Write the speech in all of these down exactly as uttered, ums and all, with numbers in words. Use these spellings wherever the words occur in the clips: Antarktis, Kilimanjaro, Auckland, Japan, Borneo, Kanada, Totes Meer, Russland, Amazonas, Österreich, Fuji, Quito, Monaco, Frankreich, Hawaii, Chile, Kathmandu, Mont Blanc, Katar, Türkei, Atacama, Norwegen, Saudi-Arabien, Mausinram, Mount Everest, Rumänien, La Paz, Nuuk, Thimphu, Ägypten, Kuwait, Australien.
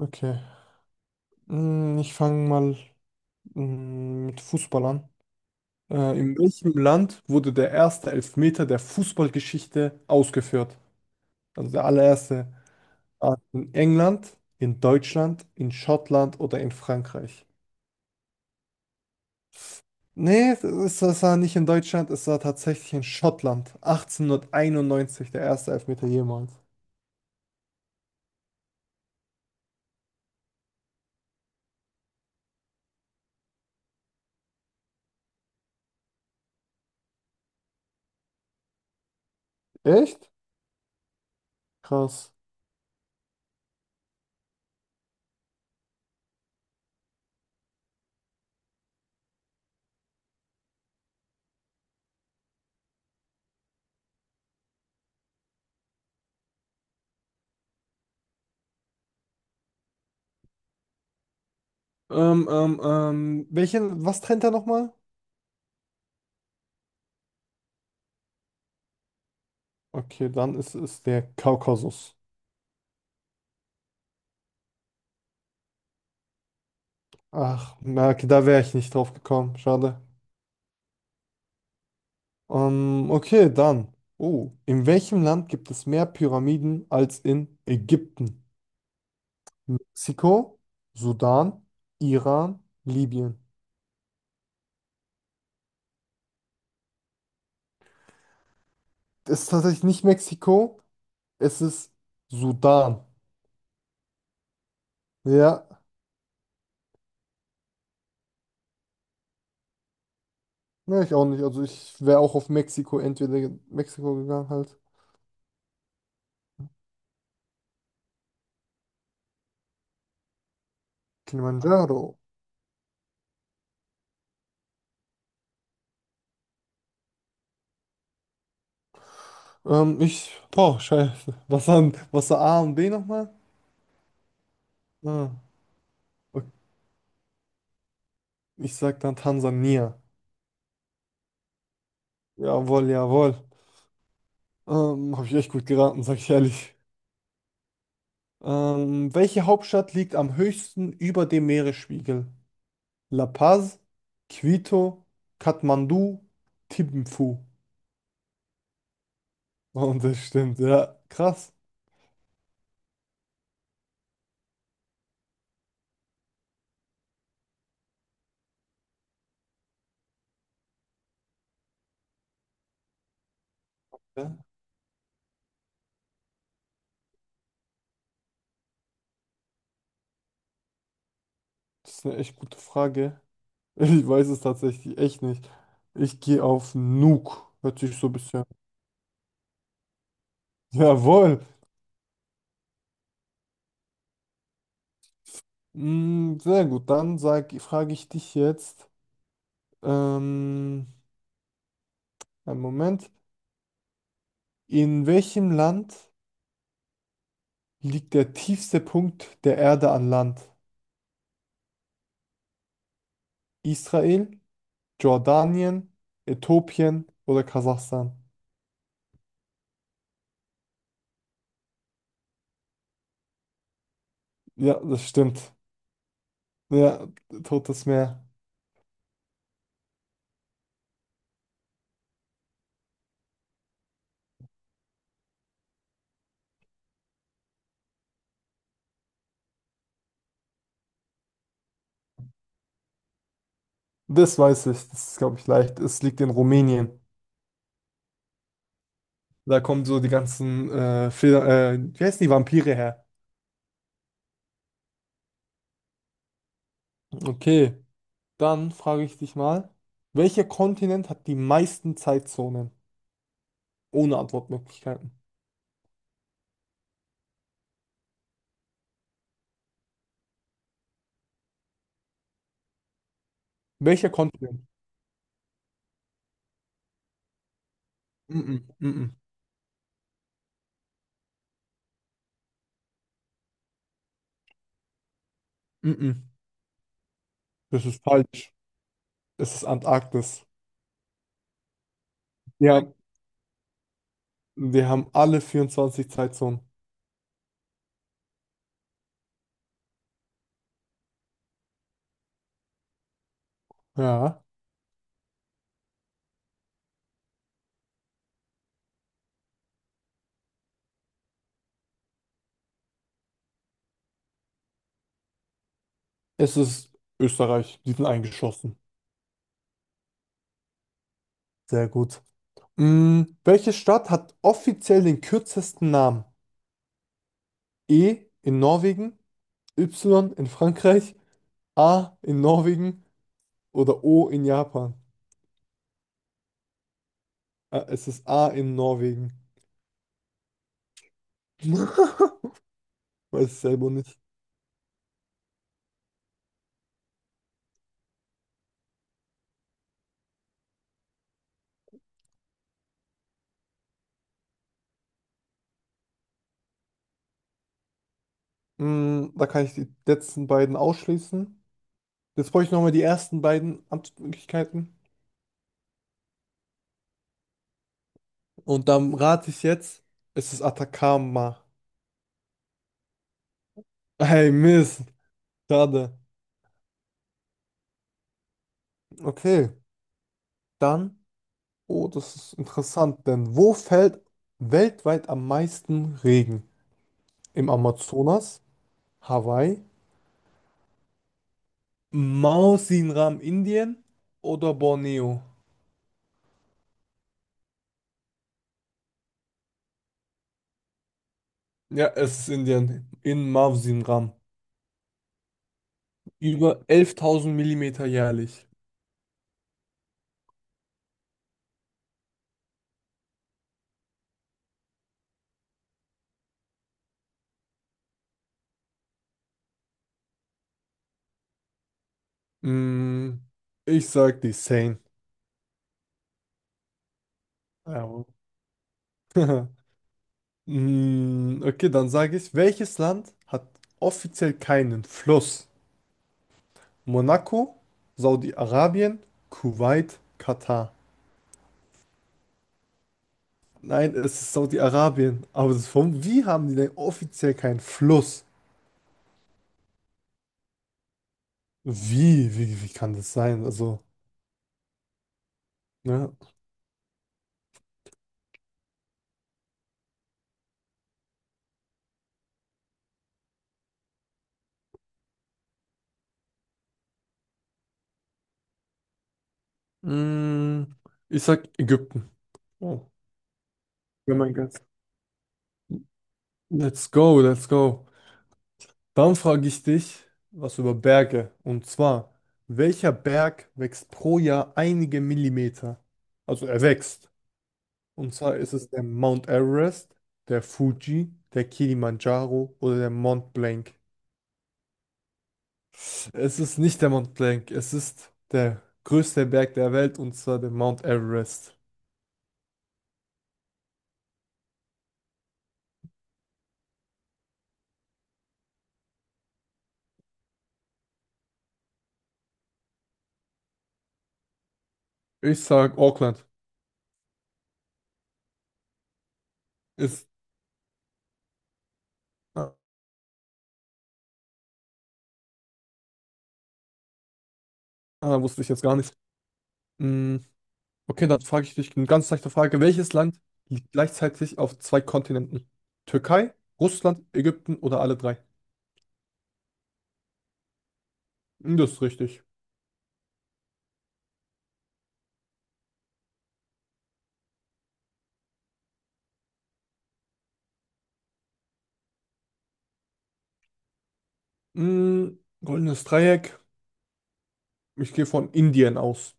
Okay. Mm, Ich fange mal mm, mit Fußball an. Äh, in welchem Land wurde der erste Elfmeter der Fußballgeschichte ausgeführt? Also der allererste. Ah, In England, in Deutschland, in Schottland oder in Frankreich? Nee, es es- es war nicht in Deutschland, es war tatsächlich in Schottland. achtzehnhunderteinundneunzig, der erste Elfmeter jemals. Echt? Krass. Ähm, ähm, ähm, welchen, was trennt er nochmal? Okay, dann ist es der Kaukasus. Ach, na, okay, da wäre ich nicht drauf gekommen. Schade. Ähm, okay, dann. Oh, in welchem Land gibt es mehr Pyramiden als in Ägypten? Mexiko, Sudan, Iran, Libyen. Es ist tatsächlich nicht Mexiko, es ist Sudan. Ja, ne, ich auch nicht. Also ich wäre auch auf Mexiko, entweder Mexiko gegangen halt. Kilimanjaro. Ähm, ich, boah, scheiße. Was, an, was war A und B nochmal? Ah, okay. Ich sag dann Tansania. Jawohl, jawohl. Ähm, habe ich echt gut geraten, sag ich ehrlich. Ähm, welche Hauptstadt liegt am höchsten über dem Meeresspiegel? La Paz, Quito, Kathmandu, Thimphu. Und das stimmt, ja. Krass. Ja, das ist eine echt gute Frage. Ich weiß es tatsächlich echt nicht. Ich gehe auf Nuuk. Hört sich so ein bisschen. Jawohl. Mm, sehr gut. Dann sag, frage ich dich jetzt. Ähm, einen Moment. In welchem Land liegt der tiefste Punkt der Erde an Land? Israel, Jordanien, Äthiopien oder Kasachstan? Ja, das stimmt. Ja, Totes Meer. Das weiß ich. Das ist, glaube ich, leicht. Es liegt in Rumänien. Da kommen so die ganzen äh, Feder, äh, wie heißen die Vampire her? Okay, dann frage ich dich mal, welcher Kontinent hat die meisten Zeitzonen? Ohne Antwortmöglichkeiten. Welcher Kontinent? Mm-mm, mm-mm, mm-mm. Das ist falsch. Es ist Antarktis. Ja, wir haben alle vierundzwanzig Zeitzonen. Ja, es ist Österreich. Die sind eingeschlossen. Sehr gut. Mm, welche Stadt hat offiziell den kürzesten Namen? E in Norwegen, Y in Frankreich, A in Norwegen oder O in Japan? Ah, es ist A in Norwegen. Weiß ich selber nicht. Mm, da kann ich die letzten beiden ausschließen. Jetzt brauche ich nochmal die ersten beiden Antwortmöglichkeiten. Und dann rate ich jetzt, es ist Atacama. Hey, Mist. Schade. Okay, dann. Oh, das ist interessant, denn wo fällt weltweit am meisten Regen? Im Amazonas, Hawaii, Mausinram, Indien oder Borneo? Ja, es ist Indien. In Mausinram. Über elftausend Millimeter jährlich. Mm, ich sag die Sane. Jawohl. Mm, okay, dann sage ich, welches Land hat offiziell keinen Fluss? Monaco, Saudi-Arabien, Kuwait, Katar. Nein, es ist Saudi-Arabien. Aber das ist, warum, wie haben die denn offiziell keinen Fluss? Wie, wie, wie kann das sein? Also, ne? Mm, ich sag Ägypten. Oh, wenn mein Gott. Let's go, let's go. Dann frage ich dich was über Berge. Und zwar, welcher Berg wächst pro Jahr einige Millimeter? Also er wächst. Und zwar ist es der Mount Everest, der Fuji, der Kilimanjaro oder der Mont Blanc. Es ist nicht der Mont Blanc, es ist der größte Berg der Welt und zwar der Mount Everest. Ich sag Auckland. Ist, ah, ah, wusste ich jetzt gar nicht. Mm, okay, dann frage ich dich eine ganz leichte Frage. Welches Land liegt gleichzeitig auf zwei Kontinenten? Türkei, Russland, Ägypten oder alle drei? Hm, das ist richtig. Mm, goldenes Dreieck. Ich gehe von Indien aus.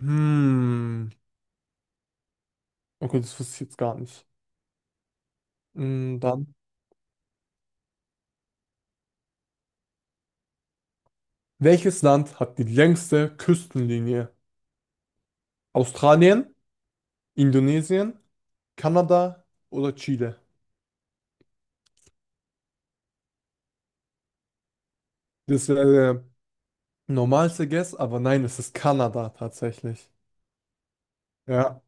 Hm. Okay, das wusste ich jetzt gar nicht. Mm, dann, welches Land hat die längste Küstenlinie? Australien, Indonesien, Kanada oder Chile? Das wäre der normalste Guess, aber nein, es ist Kanada tatsächlich. Ja.